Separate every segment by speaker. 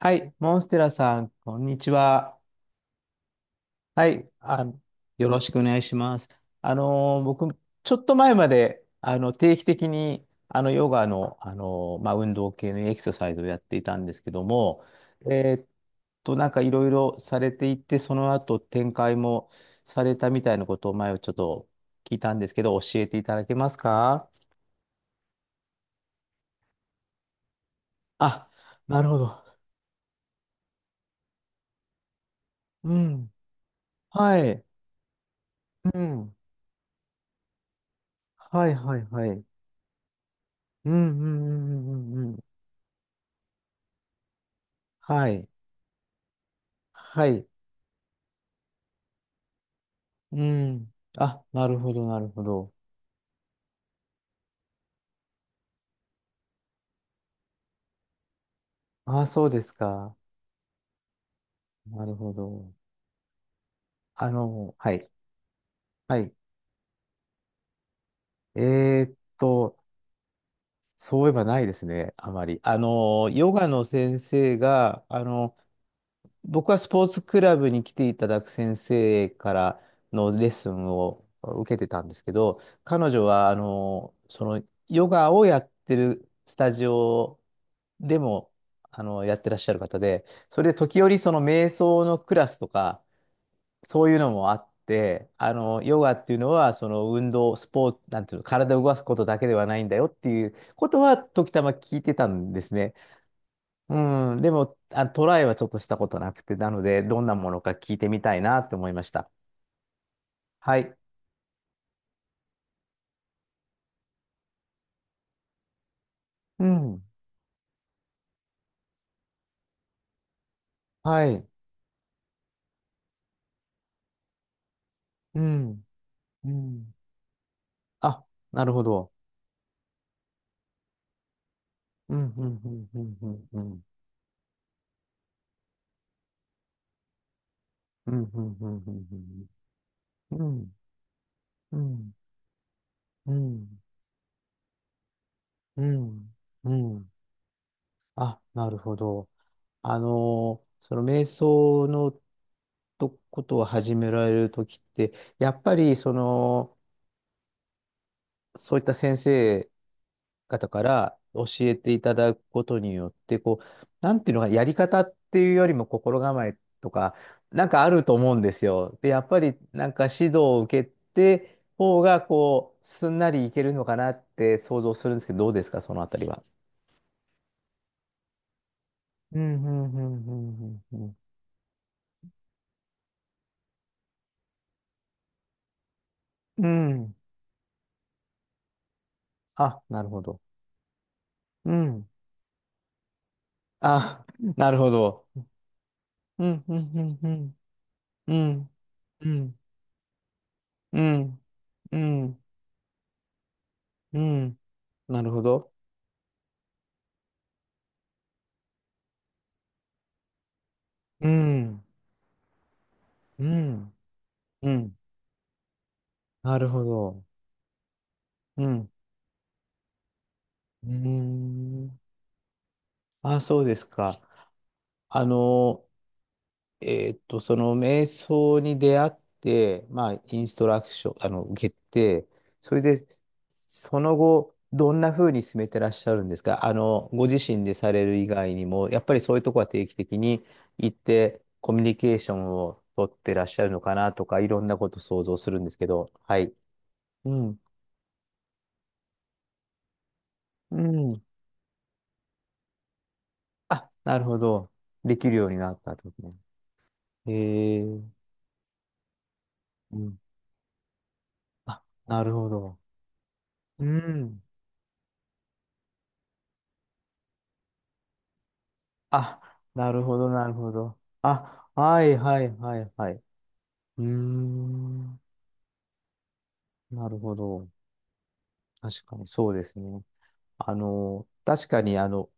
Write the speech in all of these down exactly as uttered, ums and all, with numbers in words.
Speaker 1: はい、モンステラさん、こんにちは。はい、あ、よろしくお願いします。あのー僕、ちょっと前まで、あの、定期的に、あの、ヨガの、あのーまあ、運動系のエクササイズをやっていたんですけども、えーっと、なんかいろいろされていて、その後展開もされたみたいなことを前をちょっと聞いたんですけど、教えていただけますか？あ、なるほど。うん。はい。うん。はいはいはい。うんうんうんうんうんうん。はい。はい。うん。あ、なるほど、なるほど。あ、そうですか。なるほど。あの、はい。はい。えーっと、そういえばないですね、あまり。あの、ヨガの先生が、あの、僕はスポーツクラブに来ていただく先生からのレッスンを受けてたんですけど、彼女は、あの、その、ヨガをやってるスタジオでも、あの、やってらっしゃる方で、それで時折、その、瞑想のクラスとか、そういうのもあって、あの、ヨガっていうのは、その、運動、スポーツ、なんていうの、体を動かすことだけではないんだよっていうことは、時たま聞いてたんですね。うん、でも、あ、トライはちょっとしたことなくて、なので、どんなものか聞いてみたいなって思いました。はい。うん。はい。うん。うん。あ、なるほど。うん、うん、うん、うん、うん、うん。うん、うん、うん、うん、うん。うん、うん、うん、うん。うん、あ、なるほど。あのーその瞑想のとことを始められるときって、やっぱり、その、そういった先生、方から教えていただくことによって、こう、なんていうのか、やり方っていうよりも心構えとか、なんかあると思うんですよ。で、やっぱりなんか指導を受けて、方がこう、すんなりいけるのかなって想像するんですけど、どうですか、そのあたりは。うん、うん、うん、うん、うん。うん。あ、なるほど。うん。あ、なるほど。うん、うん、うん、うん。うん、うん、うん、うん、うん、なるほど。うん。うん。うん。なるほど。うん。うーん。あ、そうですか。あの、えーっと、その瞑想に出会って、まあ、インストラクション、あの、受けて、それで、その後、どんな風に進めてらっしゃるんですか？あの、ご自身でされる以外にも、やっぱりそういうとこは定期的に行って、コミュニケーションを取ってらっしゃるのかなとか、いろんなこと想像するんですけど、はい。うん。うん。あ、なるほど。できるようになったってことね。へえ。うん。あ、なるほど。うん。あ、なるほど、なるほど。あ、はいはいはいはい。うーん。なるほど。確かにそうですね。あの、確かにあの、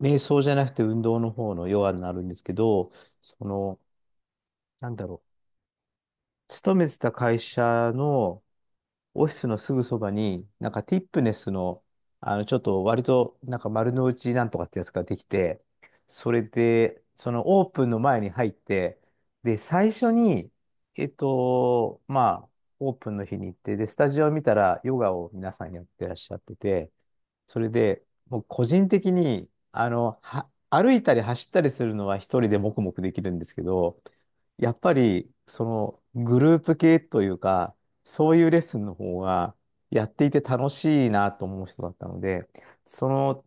Speaker 1: 瞑想じゃなくて運動の方のヨガになるんですけど、その、なんだろう。勤めてた会社の、オフィスのすぐそばに、なんかティップネスの、あの、ちょっと割と、なんか丸の内なんとかってやつができて、それで、そのオープンの前に入って、で、最初に、えっと、まあ、オープンの日に行って、で、スタジオを見たら、ヨガを皆さんやってらっしゃってて、それで、もう個人的に、あの、は、歩いたり走ったりするのは一人で黙々できるんですけど、やっぱり、その、グループ系というか、そういうレッスンの方が、やっていて楽しいなと思う人だったので、その、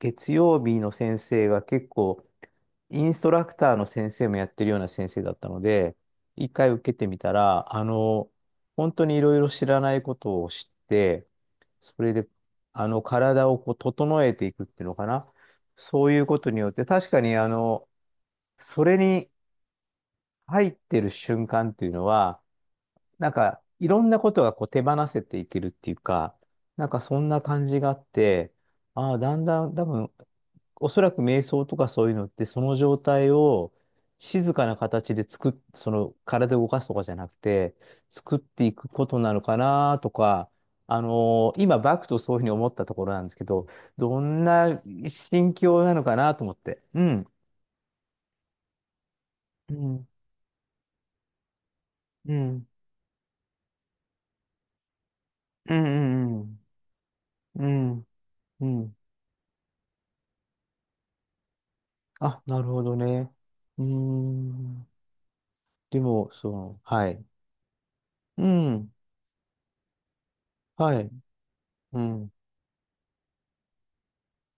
Speaker 1: 月曜日の先生が結構、インストラクターの先生もやってるような先生だったので、一回受けてみたら、あの、本当にいろいろ知らないことを知って、それで、あの、体をこう整えていくっていうのかな。そういうことによって、確かに、あの、それに入ってる瞬間っていうのは、なんかいろんなことがこう手放せていけるっていうか、なんかそんな感じがあって、ああ、だんだん多分、おそらく瞑想とかそういうのって、その状態を静かな形で作っ、その体を動かすとかじゃなくて、作っていくことなのかなとか、あのー今、バクとそういうふうに思ったところなんですけど、どんな心境なのかなと思って。うん。うん。うん。うん。うん。うん。うんうん。あ、なるほどね。うーん。でも、その、はい。うん。はい。うん。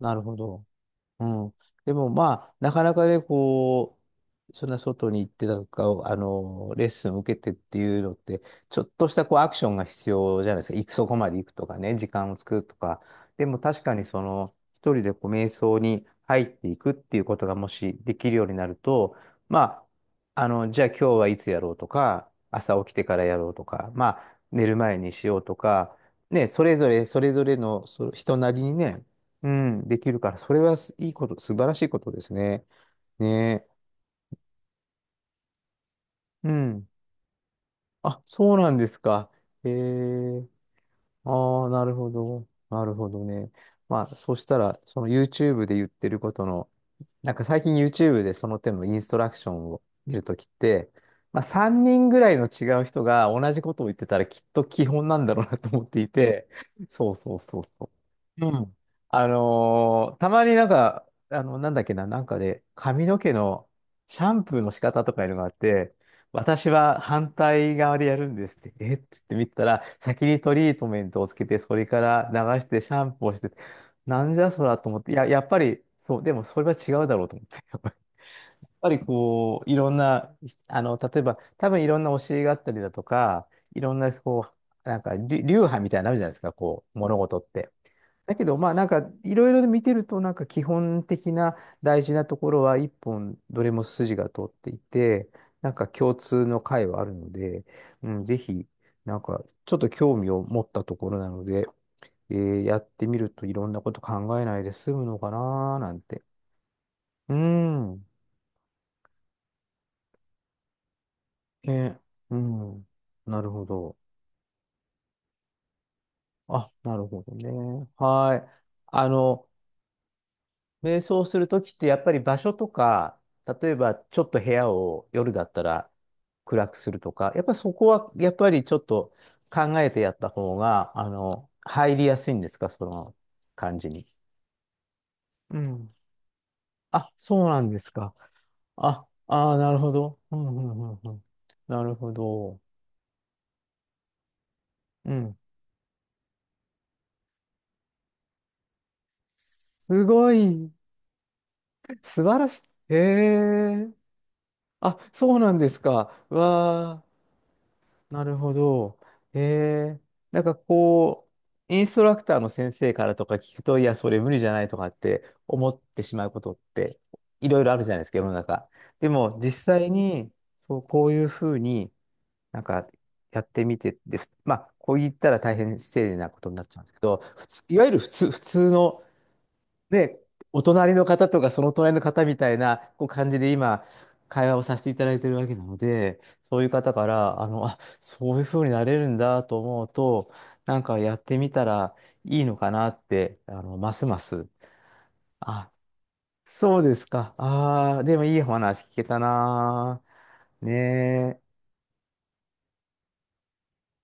Speaker 1: なるほど。うん。でもまあ、なかなかね、こう、そんな外に行ってなんか、あの、レッスンを受けてっていうのって、ちょっとしたこうアクションが必要じゃないですか。行く、そこまで行くとかね、時間を作るとか。でも確かにその、一人でこう瞑想に入っていくっていうことがもしできるようになると、まあ、あの、じゃあ今日はいつやろうとか、朝起きてからやろうとか、まあ、寝る前にしようとか、ね、それぞれ、それぞれのそ人なりにね、うん、できるから、それはいいこと、素晴らしいことですね。ねえ。うん。あ、そうなんですか。ええ。ああ、なるほど。なるほどね。まあ、そしたら、その YouTube で言ってることの、なんか最近 YouTube でその手のインストラクションを見るときって、まあ、さんにんぐらいの違う人が同じことを言ってたらきっと基本なんだろうなと思っていて、そうそうそうそう。うん。あのーたまになんか、あの、なんだっけな、なんかで髪の毛のシャンプーの仕方とかいうのがあって、私は反対側でやるんですって、えっって言ってみたら、先にトリートメントをつけて、それから流してシャンプーをして、なんじゃそらと思って、いや、やっぱり、そう、でもそれは違うだろうと思って、やっぱりやっぱりこう、いろんな、あの、例えば、多分いろんな教えがあったりだとか、いろんな、こう、なんか、流流派みたいになのあるじゃないですか、こう、物事って。だけど、まあ、なんか、いろいろ見てると、なんか、基本的な大事なところは、一本、どれも筋が通っていて、なんか、共通の解はあるので、うん、ぜひ、なんか、ちょっと興味を持ったところなので、えーやってみるといろんなこと考えないで済むのかなーなんて。うん。ね。うん。なるほど。あ、なるほどね。はい。あの、瞑想するときってやっぱり場所とか、例えばちょっと部屋を夜だったら暗くするとか、やっぱそこはやっぱりちょっと考えてやった方が、あの、入りやすいんですか、その感じに？うん。あ、そうなんですか。あ、ああ、なるほど。うん、うん、うん、うん。なるほど。うん。すごい。素晴らしい。へえ。あ、そうなんですか。わあ、なるほど。へえ。なんかこう、インストラクターの先生からとか聞くと、いや、それ無理じゃないとかって思ってしまうことって、いろいろあるじゃないですか、世の中。でも、実際に、そう、こういうふうに、なんか、やってみて、で、ふまあ、こう言ったら大変失礼なことになっちゃうんですけど、普通、いわゆる普通、普通の、ね、お隣の方とかその隣の方みたいなこう感じで今、会話をさせていただいてるわけなので、そういう方から、あの、あ、そういうふうになれるんだと思うと、なんかやってみたらいいのかなって、あの、ますます。あ、そうですか。ああ、でもいい話聞けたな。ねえ。